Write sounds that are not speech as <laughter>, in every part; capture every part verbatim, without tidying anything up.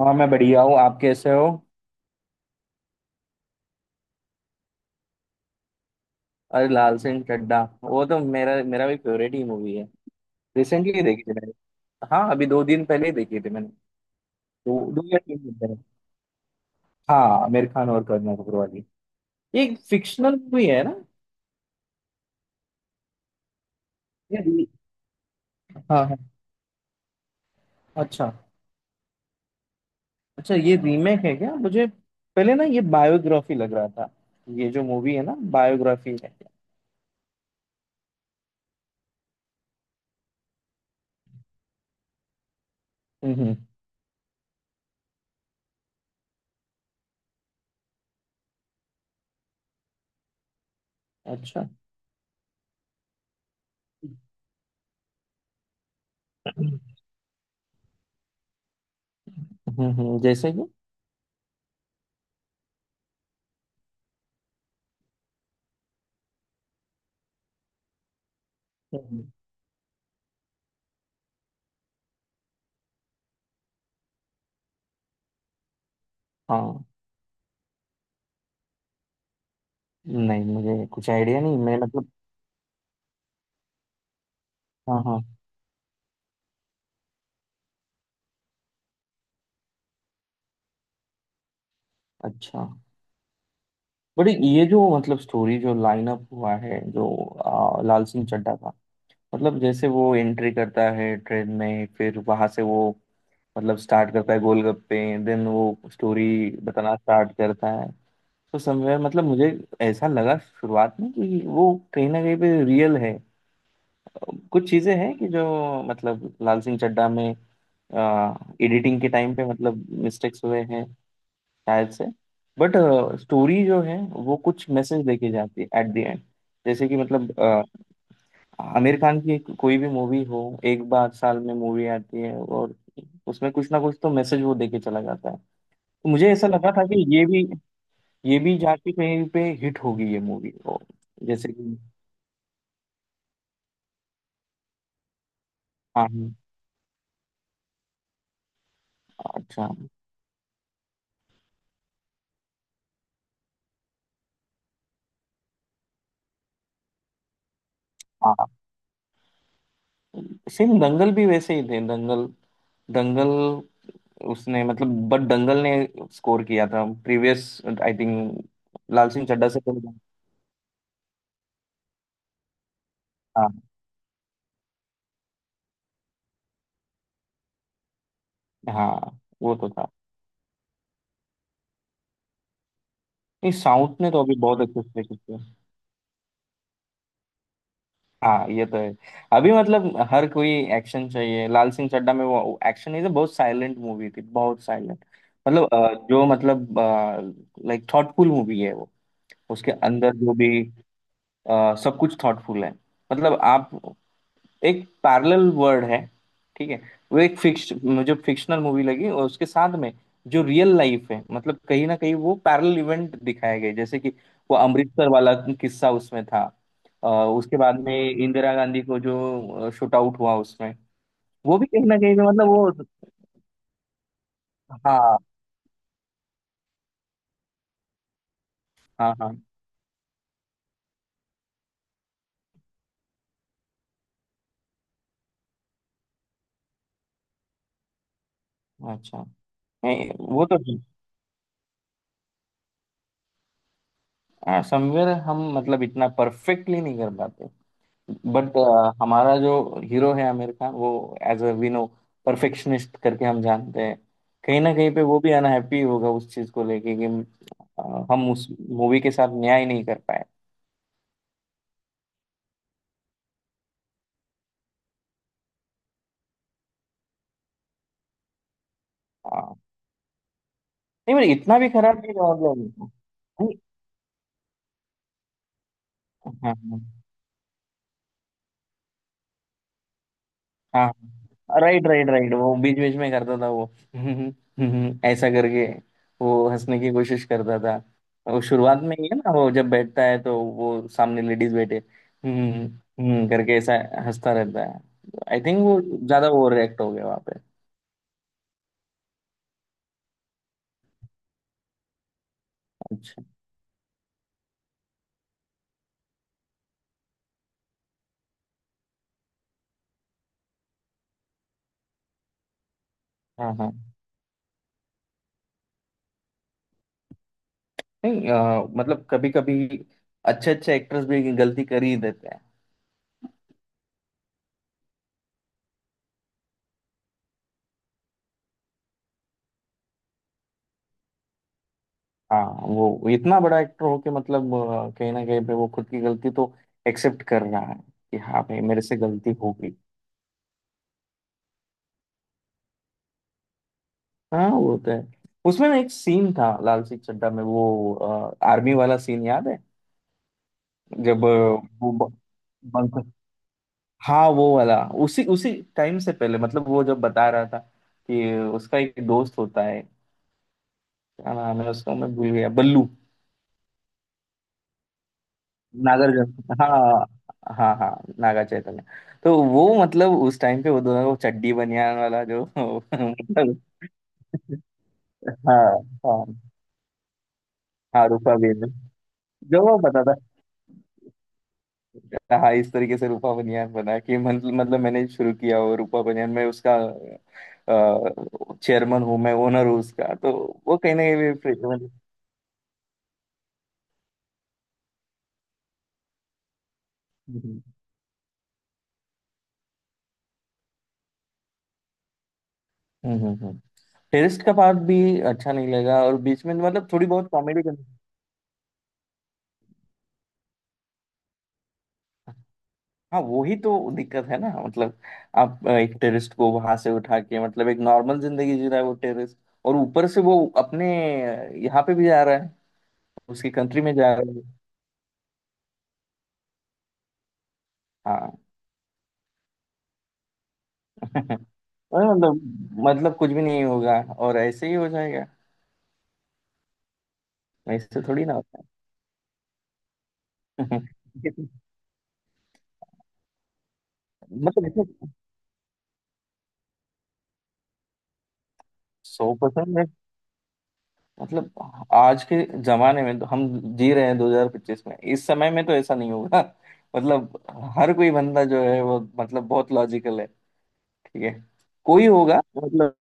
हाँ मैं बढ़िया हूँ। आप कैसे हो? अरे लाल सिंह चड्ढा, वो तो मेरा मेरा भी फेवरेट ही मूवी है। रिसेंटली देखी थी मैंने। हाँ अभी दो दिन पहले ही देखी थी मैंने। दो दो या तीन दिन पहले। हाँ, आमिर खान और करीना कपूर वाली। ये फिक्शनल मूवी है ना? ये री- हाँ हाँ। अच्छा। अच्छा, ये रीमेक है क्या? मुझे पहले ना ये बायोग्राफी लग रहा था। ये जो मूवी है ना बायोग्राफी है। हम्म हम्म। अच्छा। हम्म हम्म, जैसे कि। हम्म। हाँ नहीं, मुझे कुछ आइडिया नहीं, मैं मतलब। हाँ हाँ। अच्छा। बट ये जो मतलब स्टोरी जो लाइनअप हुआ है जो आ, लाल सिंह चड्ढा का, मतलब जैसे वो एंट्री करता है ट्रेन में, फिर वहां से वो मतलब स्टार्ट करता है गोलगप्पे, देन वो स्टोरी बताना स्टार्ट करता है। तो समवेयर मतलब मुझे ऐसा लगा शुरुआत में कि वो कहीं ना कहीं पे रियल है। कुछ चीजें हैं कि जो मतलब लाल सिंह चड्ढा में एडिटिंग के टाइम पे मतलब मिस्टेक्स हुए हैं शायद से, बट स्टोरी जो है वो कुछ मैसेज लेके जाती है एट द एंड। जैसे कि मतलब अ, आमिर खान की एक- कोई भी मूवी हो, एक बार साल में मूवी आती है और उसमें कुछ ना कुछ तो मैसेज वो देके चला जाता है। तो मुझे ऐसा लगा था कि ये भी, ये भी जाके कहीं पे हिट होगी ये मूवी। जैसे कि हाँ हाँ। अच्छा। हाँ, सेम दंगल भी वैसे ही थे। दंगल, दंगल, उसने मतलब बट दंगल ने स्कोर किया था previous, I think, Laal Singh Chaddha से पहले। हाँ हाँ, वो तो था। नहीं, साउथ ने तो अभी बहुत अच्छे से किया। हाँ ये तो है। अभी मतलब हर कोई एक्शन चाहिए। लाल सिंह चड्ढा में वो एक्शन इज, बहुत साइलेंट मूवी थी, बहुत साइलेंट। मतलब अ, जो मतलब लाइक थॉटफुल मूवी है वो। उसके अंदर जो भी अ, सब कुछ थॉटफुल है। मतलब आप, एक पैरेलल वर्ड है, ठीक है। वो एक फिक्स, मुझे फिक्शनल मूवी लगी, और उसके साथ में जो रियल लाइफ है मतलब कहीं ना कहीं वो पैरेलल इवेंट दिखाए गए। जैसे कि वो अमृतसर वाला किस्सा उसमें था। अ, उसके बाद में इंदिरा गांधी को जो शूट आउट हुआ उसमें वो भी कहीं ना कहीं से मतलब वो। हाँ हाँ। हाँ। अच्छा। नहीं वो तो समवेयर हम मतलब इतना परफेक्टली नहीं कर पाते। बट हमारा जो हीरो है आमिर खान, वो as a we know perfectionist करके हम जानते हैं। कहीं ना कहीं पे वो भी अनहैप्पी होगा उस चीज को लेके कि अ, हम उस मूवी के साथ न्याय नहीं कर पाए। हाँ नहीं मतलब इतना भी खराब नहीं था मतलब। नहीं, हाँ हाँ। हाँ राइट राइट राइट, वो बीच बीच में करता था वो <laughs> ऐसा करके वो हंसने की कोशिश करता था। वो शुरुआत में ही है ना, वो जब बैठता है तो वो सामने लेडीज बैठे। हम्म, हम्म करके ऐसा हंसता रहता है। आई थिंक वो ज्यादा ओवर रिएक्ट हो गया वहां पे। अच्छा। हाँ हाँ। नहीं अ, मतलब कभी कभी अच्छे अच्छे एक्टर्स भी गलती कर ही देते हैं। हाँ वो इतना बड़ा एक्टर हो के मतलब अ, कहीं ना कहीं पे वो खुद की गलती तो एक्सेप्ट कर रहा है कि हाँ भाई मेरे से गलती हो गई। हाँ वो तो है। उसमें ना एक सीन था लाल सिंह चड्ढा में, वो आर्मी वाला सीन याद है? जब अ, वो ब- बंक, हाँ वो वाला, उसी उसी टाइम से पहले मतलब, वो जब बता रहा था कि उसका एक दोस्त होता है, क्या नाम है उसका मैं भूल गया, बल्लू, नागर गंग- हाँ, हाँ हाँ, नागा चैतन्य। तो वो मतलब उस टाइम पे वो दोनों को चड्डी बनियान वाला जो <laughs> मतलब। हाँ हाँ। हाँ रूपा बनियान, जो वो पता था। हाँ इस तरीके से रूपा बनियान बना कि मतलब मतलब मैंने शुरू किया वो रूपा बनियान, मैं उसका चेयरमैन हूँ, मैं ओनर हूँ उसका। तो वो कहीं ना कहीं भी free- मतलब। हम्म हम्म हम्म। टेररिस्ट का पार्ट भी अच्छा नहीं लगा, और बीच में मतलब थोड़ी बहुत कॉमेडी। हाँ वो ही तो दिक्कत है ना मतलब, आप अ, एक टेररिस्ट को वहां से उठा के मतलब एक नॉर्मल जिंदगी जी रहा है वो टेररिस्ट, और ऊपर से वो अपने अ, यहाँ पे भी जा रहा है, उसकी कंट्री में जा रहा है। हाँ <laughs> अरे, मतलब मतलब कुछ भी नहीं होगा और ऐसे ही हो जाएगा। ऐसे थोड़ी ना होता है। <laughs> मतलब इसमें सौ परसेंट, मतलब आज के जमाने में तो हम जी रहे हैं दो हज़ार पच्चीस में, इस समय में तो ऐसा नहीं होगा। <laughs> मतलब हर कोई बंदा जो है वो मतलब बहुत लॉजिकल है, ठीक है। कोई होगा मतलब।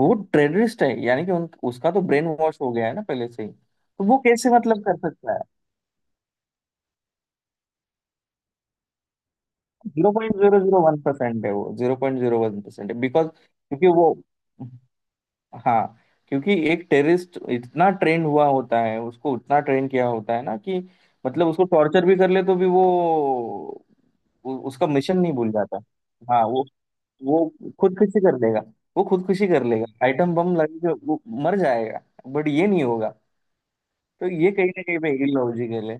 वो टेररिस्ट है यानी कि उन, उसका तो ब्रेन वॉश हो गया है ना पहले से ही, तो वो कैसे मतलब कर सकता है। Zero point zero zero one percent है वो, zero point zero one percent है, बिकॉज क्योंकि वो, हाँ, क्योंकि एक टेररिस्ट इतना ट्रेंड हुआ होता है, उसको उतना ट्रेन किया होता है ना कि मतलब उसको टॉर्चर भी कर ले तो भी वो उ- उसका मिशन नहीं भूल जाता। हाँ वो वो खुदकुशी कर लेगा, वो खुदकुशी कर लेगा, आइटम बम लगेगा, वो मर जाएगा। बट ये नहीं होगा। तो ये कहीं ना कहीं पे इलॉजिकल है।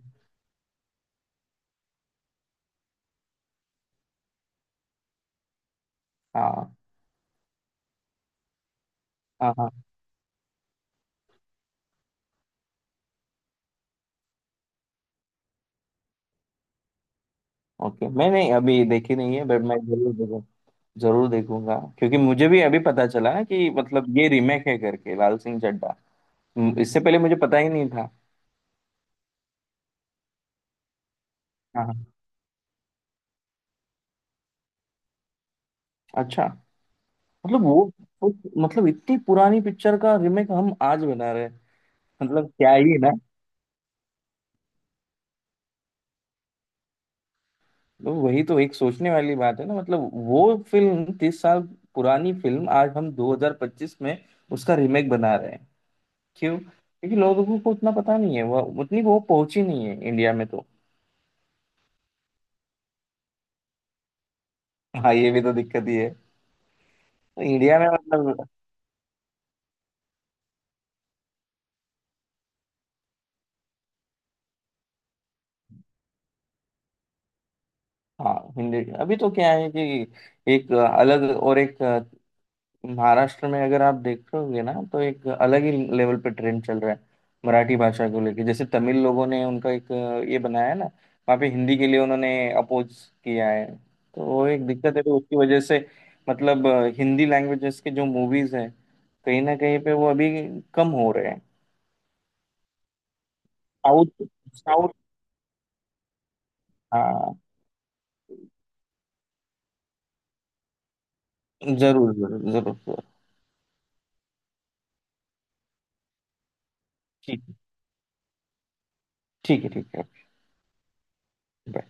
हाँ हाँ। हाँ ओके, मैंने अभी देखी नहीं है बट मैं जरूर देखूँ। जरूर देखूंगा क्योंकि मुझे भी अभी पता चला ना कि मतलब ये रीमेक है करके लाल सिंह चड्ढा। हम्म, इससे पहले मुझे पता ही नहीं था। हाँ हाँ। अच्छा, मतलब वो, वो- मतलब इतनी पुरानी पिक्चर का रीमेक हम आज बना रहे हैं। मतलब क्या ही। तो वही तो एक सोचने वाली बात है ना मतलब वो फिल्म तीस साल पुरानी फिल्म आज हम दो हज़ार पच्चीस में उसका रीमेक बना रहे हैं। क्यों? क्योंकि लोगों को उतना पता नहीं है, वो उतनी वो पहुंची नहीं है इंडिया में तो। हाँ ये भी तो दिक्कत ही है। तो इंडिया में मतलब। हाँ हिंदी, अभी तो क्या है कि एक अलग और एक, महाराष्ट्र में अगर आप देखोगे ना तो एक अलग ही लेवल पे ट्रेंड चल रहा है मराठी भाषा को लेके। जैसे तमिल लोगों ने उनका एक ये बनाया है ना, वहाँ पे हिंदी के लिए उन्होंने अपोज किया है। तो वो एक दिक्कत है, तो उसकी वजह से मतलब हिंदी लैंग्वेजेस के जो मूवीज हैं कहीं ना कहीं पे वो अभी कम हो रहे हैं। South, south. हाँ जरूर जरूर जरूर जरूर। ठीक। ठीक है, ठीक है। बाय।